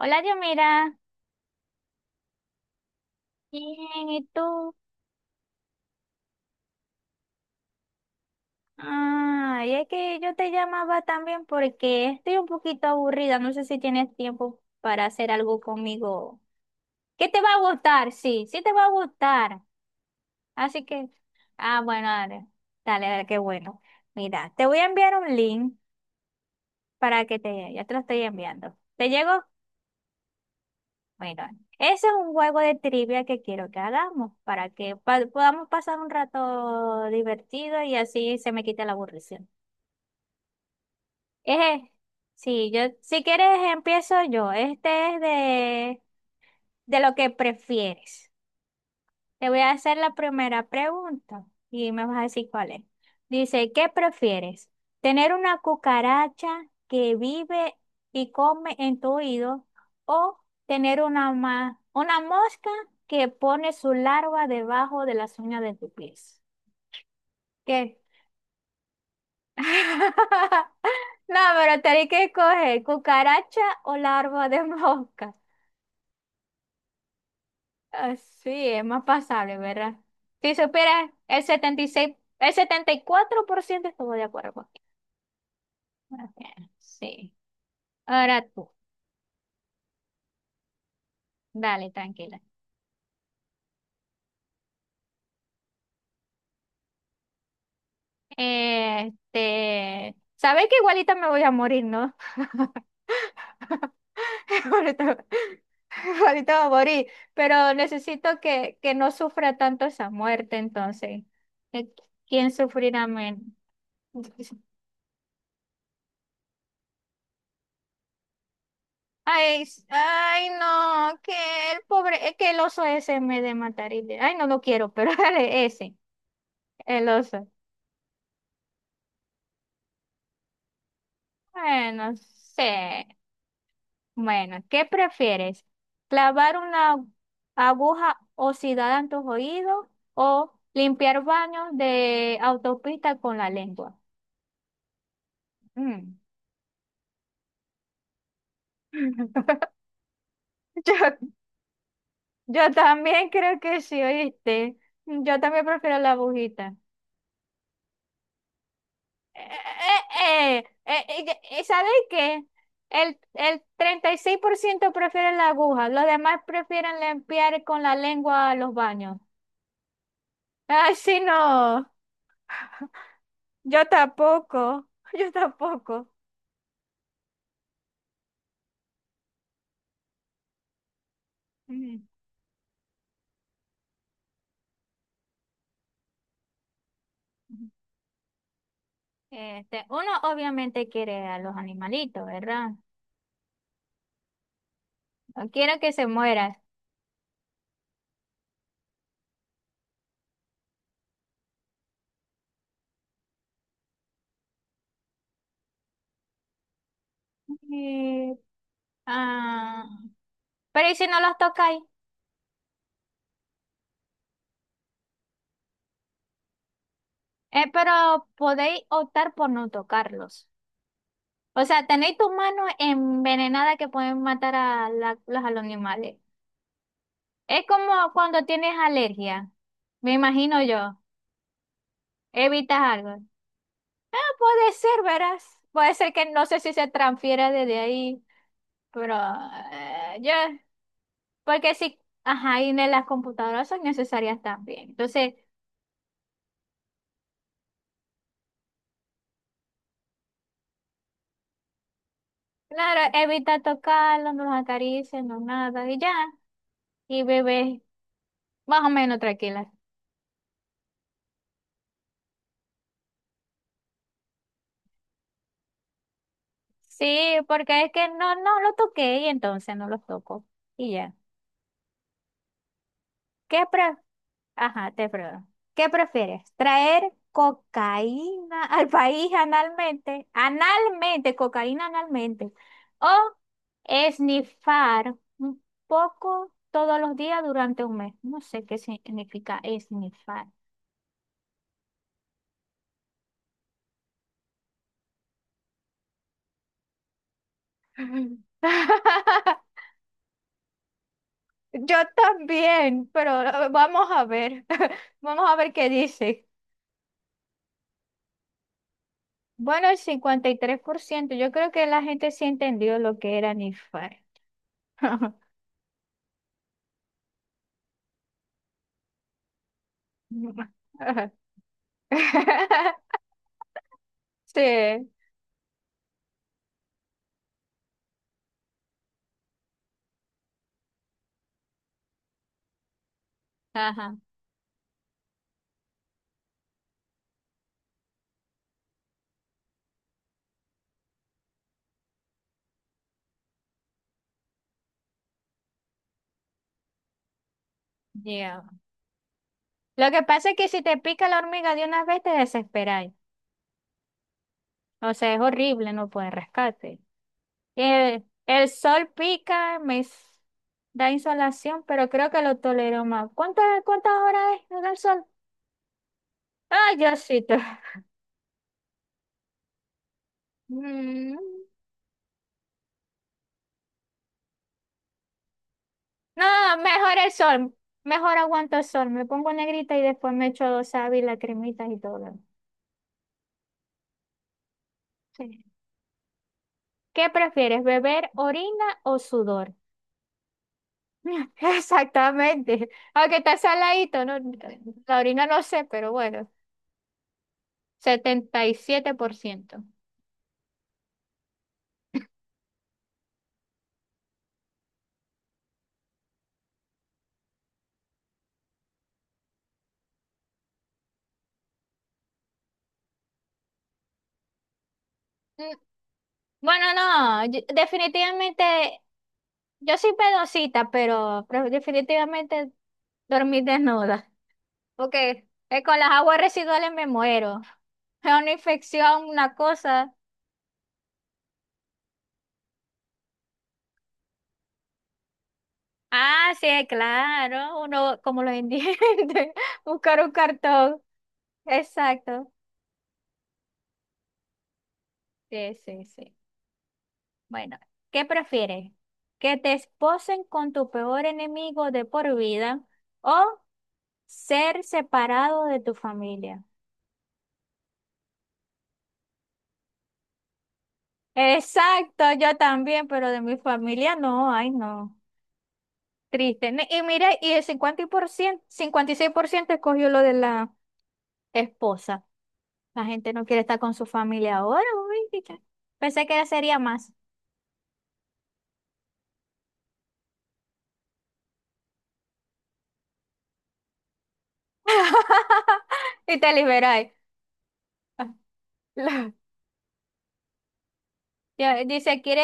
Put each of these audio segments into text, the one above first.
Hola, Yomira. Bien, ¿y tú? Y es que yo te llamaba también porque estoy un poquito aburrida. No sé si tienes tiempo para hacer algo conmigo. ¿Qué te va a gustar? Sí, sí te va a gustar. Así que, ah, bueno, dale, dale, dale, qué bueno. Mira, te voy a enviar un link para ya te lo estoy enviando. ¿Te llegó? Bueno, ese es un juego de trivia que quiero que hagamos para que podamos pasar un rato divertido y así se me quite la aburrición. Eje, sí, yo, si quieres empiezo yo. Este es de lo que prefieres. Te voy a hacer la primera pregunta y me vas a decir cuál es. Dice, ¿qué prefieres? ¿Tener una cucaracha que vive y come en tu oído o tener una mosca que pone su larva debajo de las uñas de tu pies? ¿Qué? No, pero tenés que escoger cucaracha o larva de mosca. Así es más pasable, ¿verdad? Si supieras, el 76, el 74% estuvo de acuerdo contigo. Bueno, bien, sí. Ahora tú, dale, tranquila. Sabes que igualita me voy a morir, ¿no? Igualita, igualita voy a morir, pero necesito que no sufra tanto esa muerte, entonces. Eh, ¿Quién sufrirá menos? Ay, no, que el pobre, es que el oso ese me de matar ay, no lo quiero, pero dale ese, el oso. Bueno, no sé. Bueno, ¿qué prefieres? ¿Clavar una aguja oxidada en tus oídos o limpiar baños de autopista con la lengua? Mm. Yo, yo también creo que sí, oíste. Yo también prefiero la agujita. Eh, eh, eh, eh, ¿Sabes qué? El 36% prefieren la aguja, los demás prefieren limpiar con la lengua los baños. Ay, sí, no. Yo tampoco. Yo tampoco. Ujú, ujú. Este, uno obviamente quiere a los animalitos, ¿verdad? No quiero que se mueran. Eh, ah, pero ¿y si no los tocáis? Pero podéis optar por no tocarlos. O sea, tenéis tus manos envenenadas que pueden matar a los animales. Es como cuando tienes alergia, me imagino yo. Evitas algo. Ah, puede ser, verás. Puede ser que no sé si se transfiera desde ahí, pero eh, yo, porque sí, ajá, y en las computadoras son necesarias también. Entonces, claro, evita tocarlo, no los acaricias, no nada, y ya, y bebé, más o menos tranquila. Sí, porque es que no lo toqué y entonces no los toco, y ya. ¿Qué, pre- ajá, te pregunto. ¿Qué prefieres? ¿Traer cocaína al país analmente? Analmente, cocaína analmente. ¿O esnifar un poco todos los días durante un mes? No sé qué significa esnifar. Yo también, pero vamos a ver, vamos a ver qué dice. Bueno, el 53%. Yo creo que la gente sí entendió lo que era nifar. Sí. Ajá, ya. Lo que pasa es que si te pica la hormiga de una vez te desesperáis. O sea, es horrible, no puedes rescate. El sol pica, da insolación, pero creo que lo tolero más. ¿Cuántas, cuántas horas es el sol? Ay, Diosito. Mm, no, mejor el sol. Mejor aguanto el sol. Me pongo negrita y después me echo dos sábanas, cremitas y todo. Sí. ¿Qué prefieres, beber orina o sudor? Exactamente. Aunque está saladito, ¿no? La orina no sé, pero bueno, 77%. Mm, bueno, no, yo- definitivamente, yo soy pedosita, pero definitivamente dormí desnuda, porque con las aguas residuales me muero. Es una infección, una cosa. Ah, sí, claro, uno como los indigentes, buscar un cartón. Exacto. Sí, sí, sí. Bueno, ¿qué prefieres? ¿Que te esposen con tu peor enemigo de por vida o ser separado de tu familia? Exacto, yo también, pero de mi familia no, ay no, triste. Y mira, y el cincuenta por ciento cincuenta y seis por ciento escogió lo de la esposa. La gente no quiere estar con su familia ahora, uy, chica. Pensé que sería más. Y te liberáis. Ya, dice, quiere,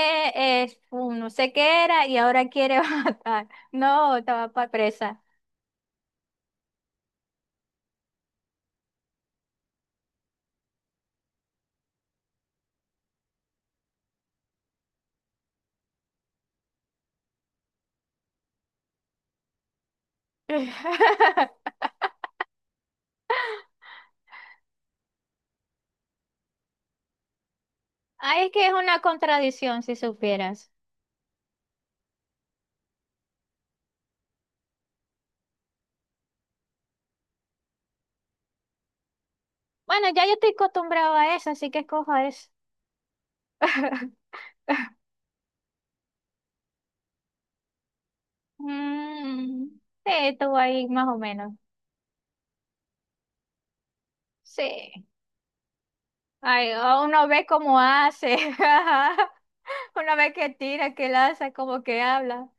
eh, un no sé qué era y ahora quiere matar. No, estaba presa. Ay, es que es una contradicción, si supieras. Bueno, ya yo estoy acostumbrado a eso, así que escojo eso. Mm, sí, estuvo ahí más o menos. Sí. Ay, uno ve cómo hace. Uno ve que tira, que lanza, como que habla.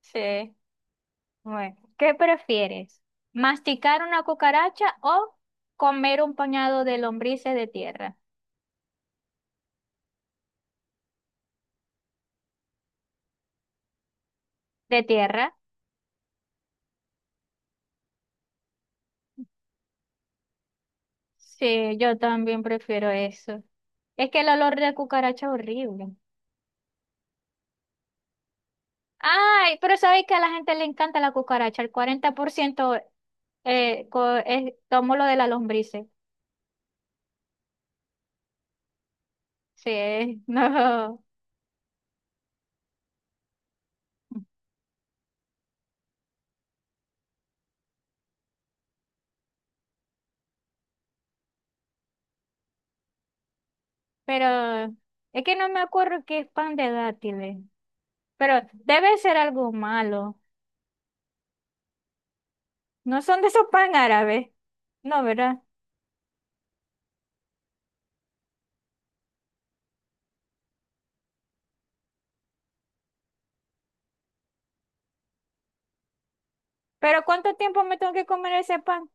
Sí. Bueno, ¿qué prefieres? ¿Masticar una cucaracha o comer un pañado de lombrices de tierra? ¿De tierra? Sí, yo también prefiero eso. Es que el olor de cucaracha es horrible. Ay, pero sabéis que a la gente le encanta la cucaracha. El cuarenta por ciento tomó lo de la lombrices. Sí, no. Pero es que no me acuerdo qué es pan de dátiles. Pero debe ser algo malo. No son de esos pan árabes. No, ¿verdad? Pero ¿cuánto tiempo me tengo que comer ese pan?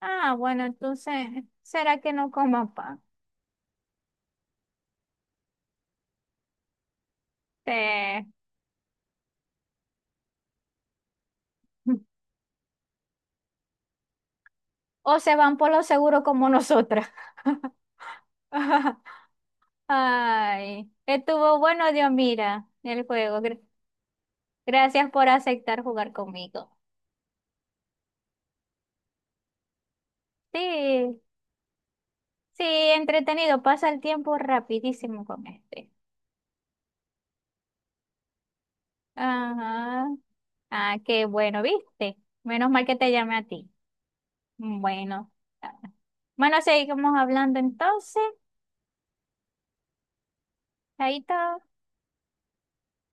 Ah, bueno, entonces, ¿será que no coman pan? Eh, O se van por lo seguro como nosotras. Ay, estuvo bueno, Dios, mira, el juego. Gracias por aceptar jugar conmigo. Sí, sí, entretenido. Pasa el tiempo rapidísimo con este. Ajá. Ah, qué bueno, ¿viste? Menos mal que te llamé a ti. Bueno, ah, bueno, seguimos hablando entonces. Ahí está.